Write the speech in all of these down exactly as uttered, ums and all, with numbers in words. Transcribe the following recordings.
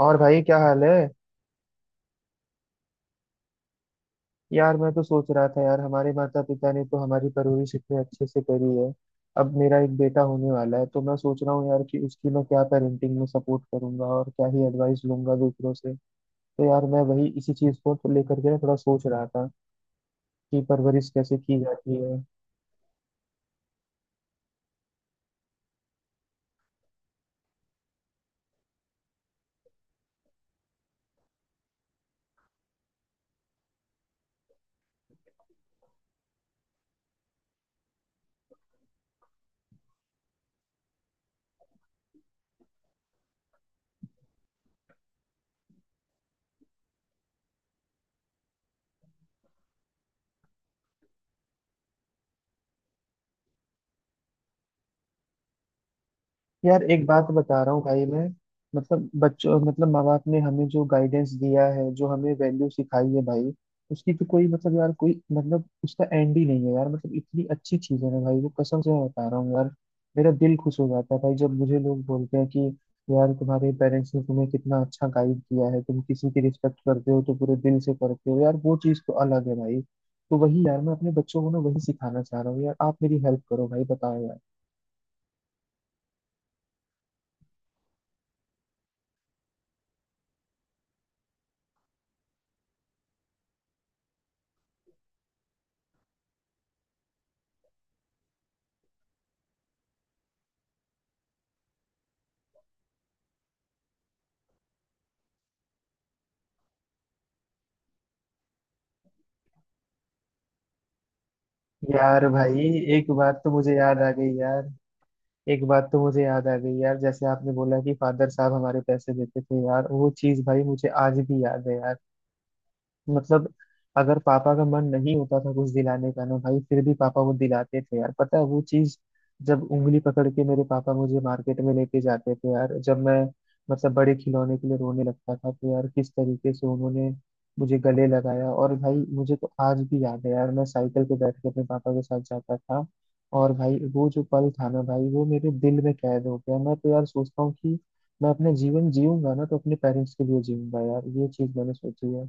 और भाई क्या हाल है। यार मैं तो सोच रहा था यार, हमारे माता पिता ने तो हमारी परवरिश इतने अच्छे से करी है। अब मेरा एक बेटा होने वाला है, तो मैं सोच रहा हूँ यार कि उसकी मैं क्या पेरेंटिंग में सपोर्ट करूंगा और क्या ही एडवाइस लूंगा दूसरों से। तो यार मैं वही इसी चीज को तो लेकर के ना थोड़ा सोच रहा था कि परवरिश कैसे की जाती है। यार एक बात बता रहा हूँ भाई मैं, मतलब बच्चों, मतलब माँ बाप ने हमें जो गाइडेंस दिया है, जो हमें वैल्यू सिखाई है भाई, उसकी तो कोई मतलब यार, कोई मतलब उसका एंड ही नहीं है यार। मतलब इतनी अच्छी चीज है ना भाई, वो कसम से मैं बता रहा हूँ यार, मेरा दिल खुश हो जाता है भाई जब मुझे लोग बोलते हैं कि यार तुम्हारे पेरेंट्स ने तुम्हें कितना अच्छा गाइड किया है, तुम किसी की रिस्पेक्ट करते हो तो पूरे दिल से करते हो, यार वो चीज़ तो अलग है भाई। तो वही यार मैं अपने बच्चों को ना वही सिखाना चाह रहा हूँ यार, आप मेरी हेल्प करो भाई, बताओ यार। यार भाई, एक बात तो मुझे याद आ गई यार, एक बात तो मुझे याद आ गई यार। जैसे आपने बोला कि फादर साहब हमारे पैसे देते थे यार, वो चीज भाई मुझे आज भी याद है यार। मतलब अगर पापा का मन नहीं होता था कुछ दिलाने का ना भाई, फिर भी पापा वो दिलाते थे यार, पता है वो चीज। जब उंगली पकड़ के मेरे पापा मुझे मार्केट में लेके जाते थे यार, जब मैं, मतलब बड़े खिलौने के लिए रोने लगता था, तो यार किस तरीके से उन्होंने मुझे गले लगाया। और भाई मुझे तो आज भी याद है यार, मैं साइकिल पे बैठ के अपने पापा के साथ जाता था, और भाई वो जो पल था ना भाई, वो मेरे दिल में कैद हो गया। मैं तो यार सोचता हूँ कि मैं अपने जीवन जीऊंगा ना तो अपने पेरेंट्स के लिए जीऊंगा यार, ये चीज मैंने सोची है।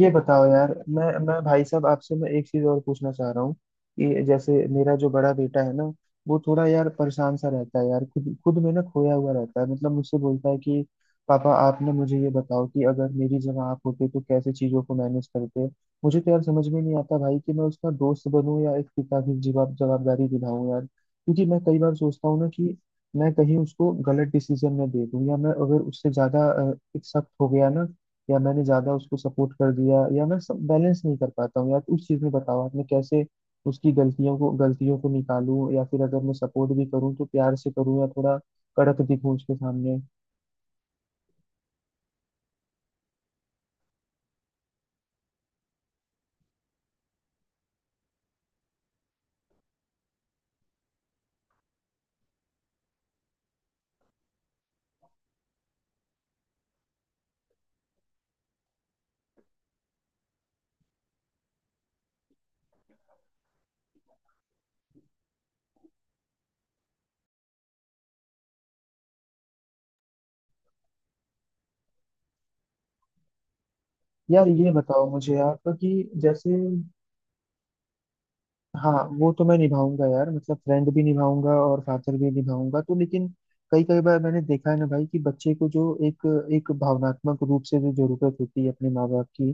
ये बताओ यार, मैं मैं भाई साहब आपसे मैं एक चीज और पूछना चाह रहा हूँ कि जैसे मेरा जो बड़ा बेटा है ना, वो थोड़ा यार परेशान सा रहता है यार, खुद खुद में ना खोया हुआ रहता है। मतलब मुझसे बोलता है कि पापा आप ना मुझे ये बताओ कि अगर मेरी जगह आप होते तो कैसे चीजों को मैनेज करते। मुझे तो यार समझ में नहीं आता भाई कि मैं उसका दोस्त बनूं या एक पिता की जवाब जवाबदारी दिलाऊं यार, क्योंकि मैं कई बार सोचता हूँ ना कि मैं कहीं उसको गलत डिसीजन न दे दूं, या मैं अगर उससे ज्यादा अ, एक सख्त हो गया ना, या मैंने ज्यादा उसको सपोर्ट कर दिया, या मैं सब बैलेंस नहीं कर पाता हूँ यार उस चीज में। बताओ आप मैं कैसे उसकी गलतियों को गलतियों को निकालूं, या फिर अगर मैं सपोर्ट भी करूँ तो प्यार से करूँ या थोड़ा कड़क दिखूं उसके सामने। यार ये बताओ मुझे आप कि जैसे, हाँ, वो तो मैं निभाऊंगा यार, मतलब फ्रेंड भी निभाऊंगा और फादर भी निभाऊंगा तो। लेकिन कई कई बार मैंने देखा है ना भाई कि बच्चे को जो एक एक भावनात्मक रूप से जो जरूरत होती है अपने माँ बाप की,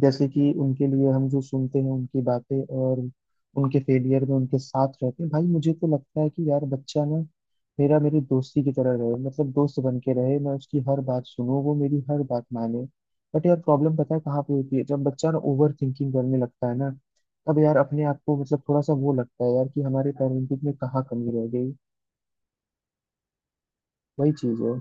जैसे कि उनके लिए हम जो सुनते हैं उनकी बातें, और उनके फेलियर में उनके साथ रहते हैं भाई। मुझे तो लगता है कि यार बच्चा ना मेरा, मेरी दोस्ती की तरह रहे, मतलब दोस्त बन के रहे, मैं उसकी हर बात सुनूं, वो मेरी हर बात माने। बट यार प्रॉब्लम पता है कहाँ पे होती है, जब बच्चा ना ओवर थिंकिंग करने लगता है ना, तब यार अपने आप को मतलब थोड़ा सा वो लगता है यार कि हमारे पेरेंटिंग में कहाँ कमी रह गई। वही चीज है।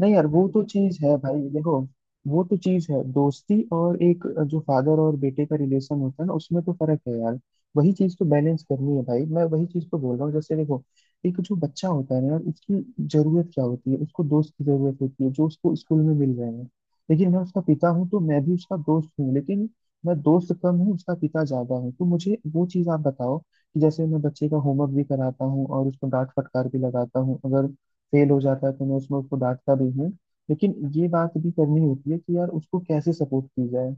नहीं यार, वो तो चीज है भाई, देखो, वो तो चीज है। दोस्ती और एक जो फादर और बेटे का रिलेशन होता है ना, उसमें तो फर्क है यार। वही चीज तो बैलेंस करनी है भाई, मैं वही चीज तो बोल रहा हूँ। जैसे देखो, एक जो बच्चा होता है ना यार, उसकी जरूरत क्या होती है? उसको दोस्त की जरूरत होती है जो उसको स्कूल में मिल रहे हैं। लेकिन मैं उसका पिता हूँ, तो मैं भी उसका दोस्त हूँ, लेकिन मैं दोस्त कम हूँ, उसका पिता ज्यादा हूँ। तो मुझे वो चीज आप बताओ कि जैसे मैं बच्चे का होमवर्क भी कराता हूँ और उसको डांट फटकार भी लगाता हूँ, अगर फेल हो जाता है तो मैं उसमें उसको डांटता भी हूँ, लेकिन ये बात भी करनी होती है कि यार उसको कैसे सपोर्ट की जाए।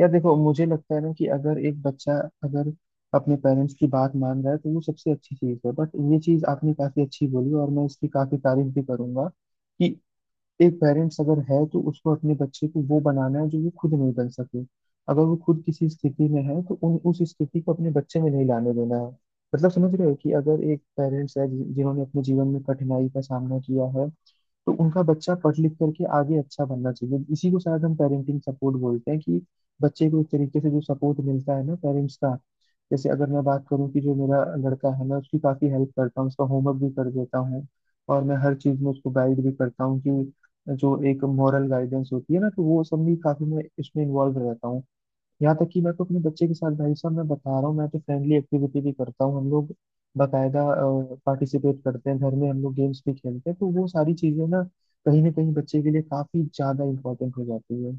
यार देखो, मुझे लगता है ना कि अगर एक बच्चा, अगर अपने पेरेंट्स की बात मान रहा है तो वो सबसे अच्छी चीज़ है। बट ये चीज़ आपने काफ़ी अच्छी बोली, और मैं इसकी काफ़ी तारीफ भी करूंगा कि एक पेरेंट्स अगर है तो उसको अपने बच्चे को वो बनाना है जो वो खुद नहीं बन सके। अगर वो खुद किसी स्थिति में है तो उन उस स्थिति को अपने बच्चे में नहीं लाने देना है। मतलब समझ रहे हो कि अगर एक पेरेंट्स है जि- जिन्होंने अपने जीवन में कठिनाई का सामना किया है, तो उनका बच्चा पढ़ लिख करके आगे अच्छा बनना चाहिए। इसी को शायद हम पेरेंटिंग सपोर्ट बोलते हैं कि बच्चे को एक तरीके से जो सपोर्ट मिलता है ना पेरेंट्स का। जैसे अगर मैं बात करूं कि जो मेरा लड़का है, मैं उसकी काफी हेल्प करता हूँ, उसका होमवर्क भी कर देता हूँ, और मैं हर चीज में उसको गाइड भी करता हूँ कि जो एक मॉरल गाइडेंस होती है ना, तो वो सब भी काफी मैं इसमें इन्वॉल्व रहता हूँ। यहाँ तक कि मैं तो अपने बच्चे के साथ भाई साहब मैं बता रहा हूँ, मैं तो फ्रेंडली एक्टिविटी भी करता हूँ, हम लोग बाकायदा पार्टिसिपेट करते हैं घर में, हम लोग गेम्स भी खेलते हैं। तो वो सारी चीजें ना कहीं ना कहीं बच्चे के लिए काफी ज्यादा इंपॉर्टेंट हो जाती है।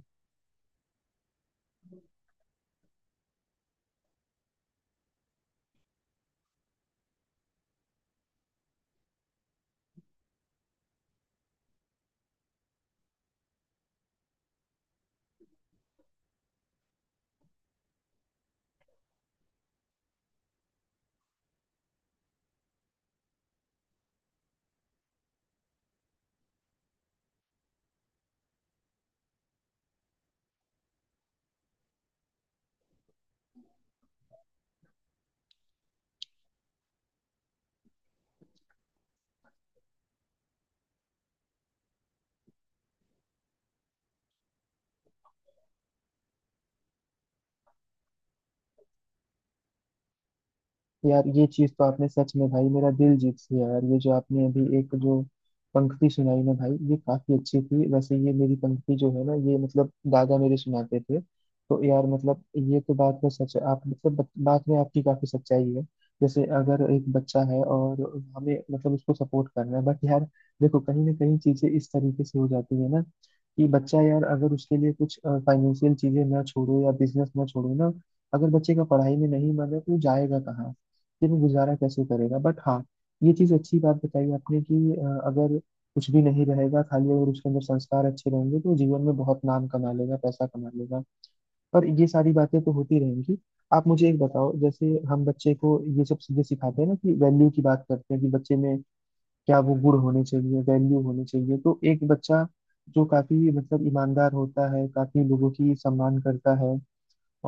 यार ये चीज तो आपने सच में भाई मेरा दिल जीत लिया यार। ये जो आपने अभी एक जो पंक्ति सुनाई ना भाई, ये काफी अच्छी थी। वैसे ये मेरी पंक्ति जो है ना, ये मतलब दादा मेरे सुनाते थे। तो यार मतलब ये तो बात में सच है। आप मतलब बत- बात में आपकी काफी सच्चाई है। जैसे अगर एक बच्चा है और हमें मतलब उसको सपोर्ट करना है, बट यार देखो कहीं ना कहीं चीजें इस तरीके से हो जाती है ना कि बच्चा यार, अगर उसके लिए कुछ फाइनेंशियल चीजें ना छोड़ो या बिजनेस ना छोड़ो ना, अगर बच्चे का पढ़ाई में नहीं मन है तो वो जाएगा कहाँ, फिर वो गुजारा कैसे करेगा? बट हाँ, ये चीज अच्छी बात बताई आपने कि अ, अगर कुछ भी नहीं रहेगा खाली, अगर उसके अंदर संस्कार अच्छे रहेंगे तो वो जीवन में बहुत नाम कमा लेगा, पैसा कमा लेगा। पर ये सारी बातें तो होती रहेंगी। आप मुझे एक बताओ, जैसे हम बच्चे को ये सब चीजें सिखाते हैं ना कि वैल्यू की बात करते हैं कि बच्चे में क्या वो गुण होने चाहिए, वैल्यू होने चाहिए। तो एक बच्चा जो काफी मतलब ईमानदार होता है, काफी लोगों की सम्मान करता है,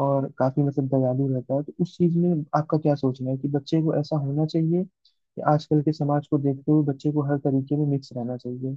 और काफी मतलब दयालु रहता है, तो उस चीज में आपका क्या सोचना है? कि बच्चे को ऐसा होना चाहिए, कि आजकल के समाज को देखते हुए बच्चे को हर तरीके में मिक्स रहना चाहिए।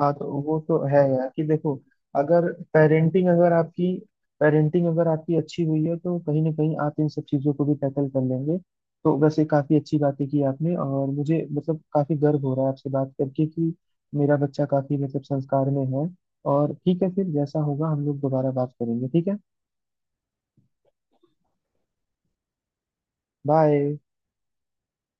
हाँ, तो वो तो है यार कि देखो, अगर पेरेंटिंग अगर आपकी पेरेंटिंग अगर आपकी अच्छी हुई है तो कहीं ना कहीं आप इन सब चीज़ों को भी टैकल कर लेंगे। तो वैसे काफ़ी अच्छी बातें की आपने, और मुझे मतलब काफ़ी गर्व हो रहा है आपसे बात करके कि मेरा बच्चा काफ़ी मतलब संस्कार में है। और ठीक है, फिर जैसा होगा हम लोग दोबारा बात करेंगे। ठीक है, बाय।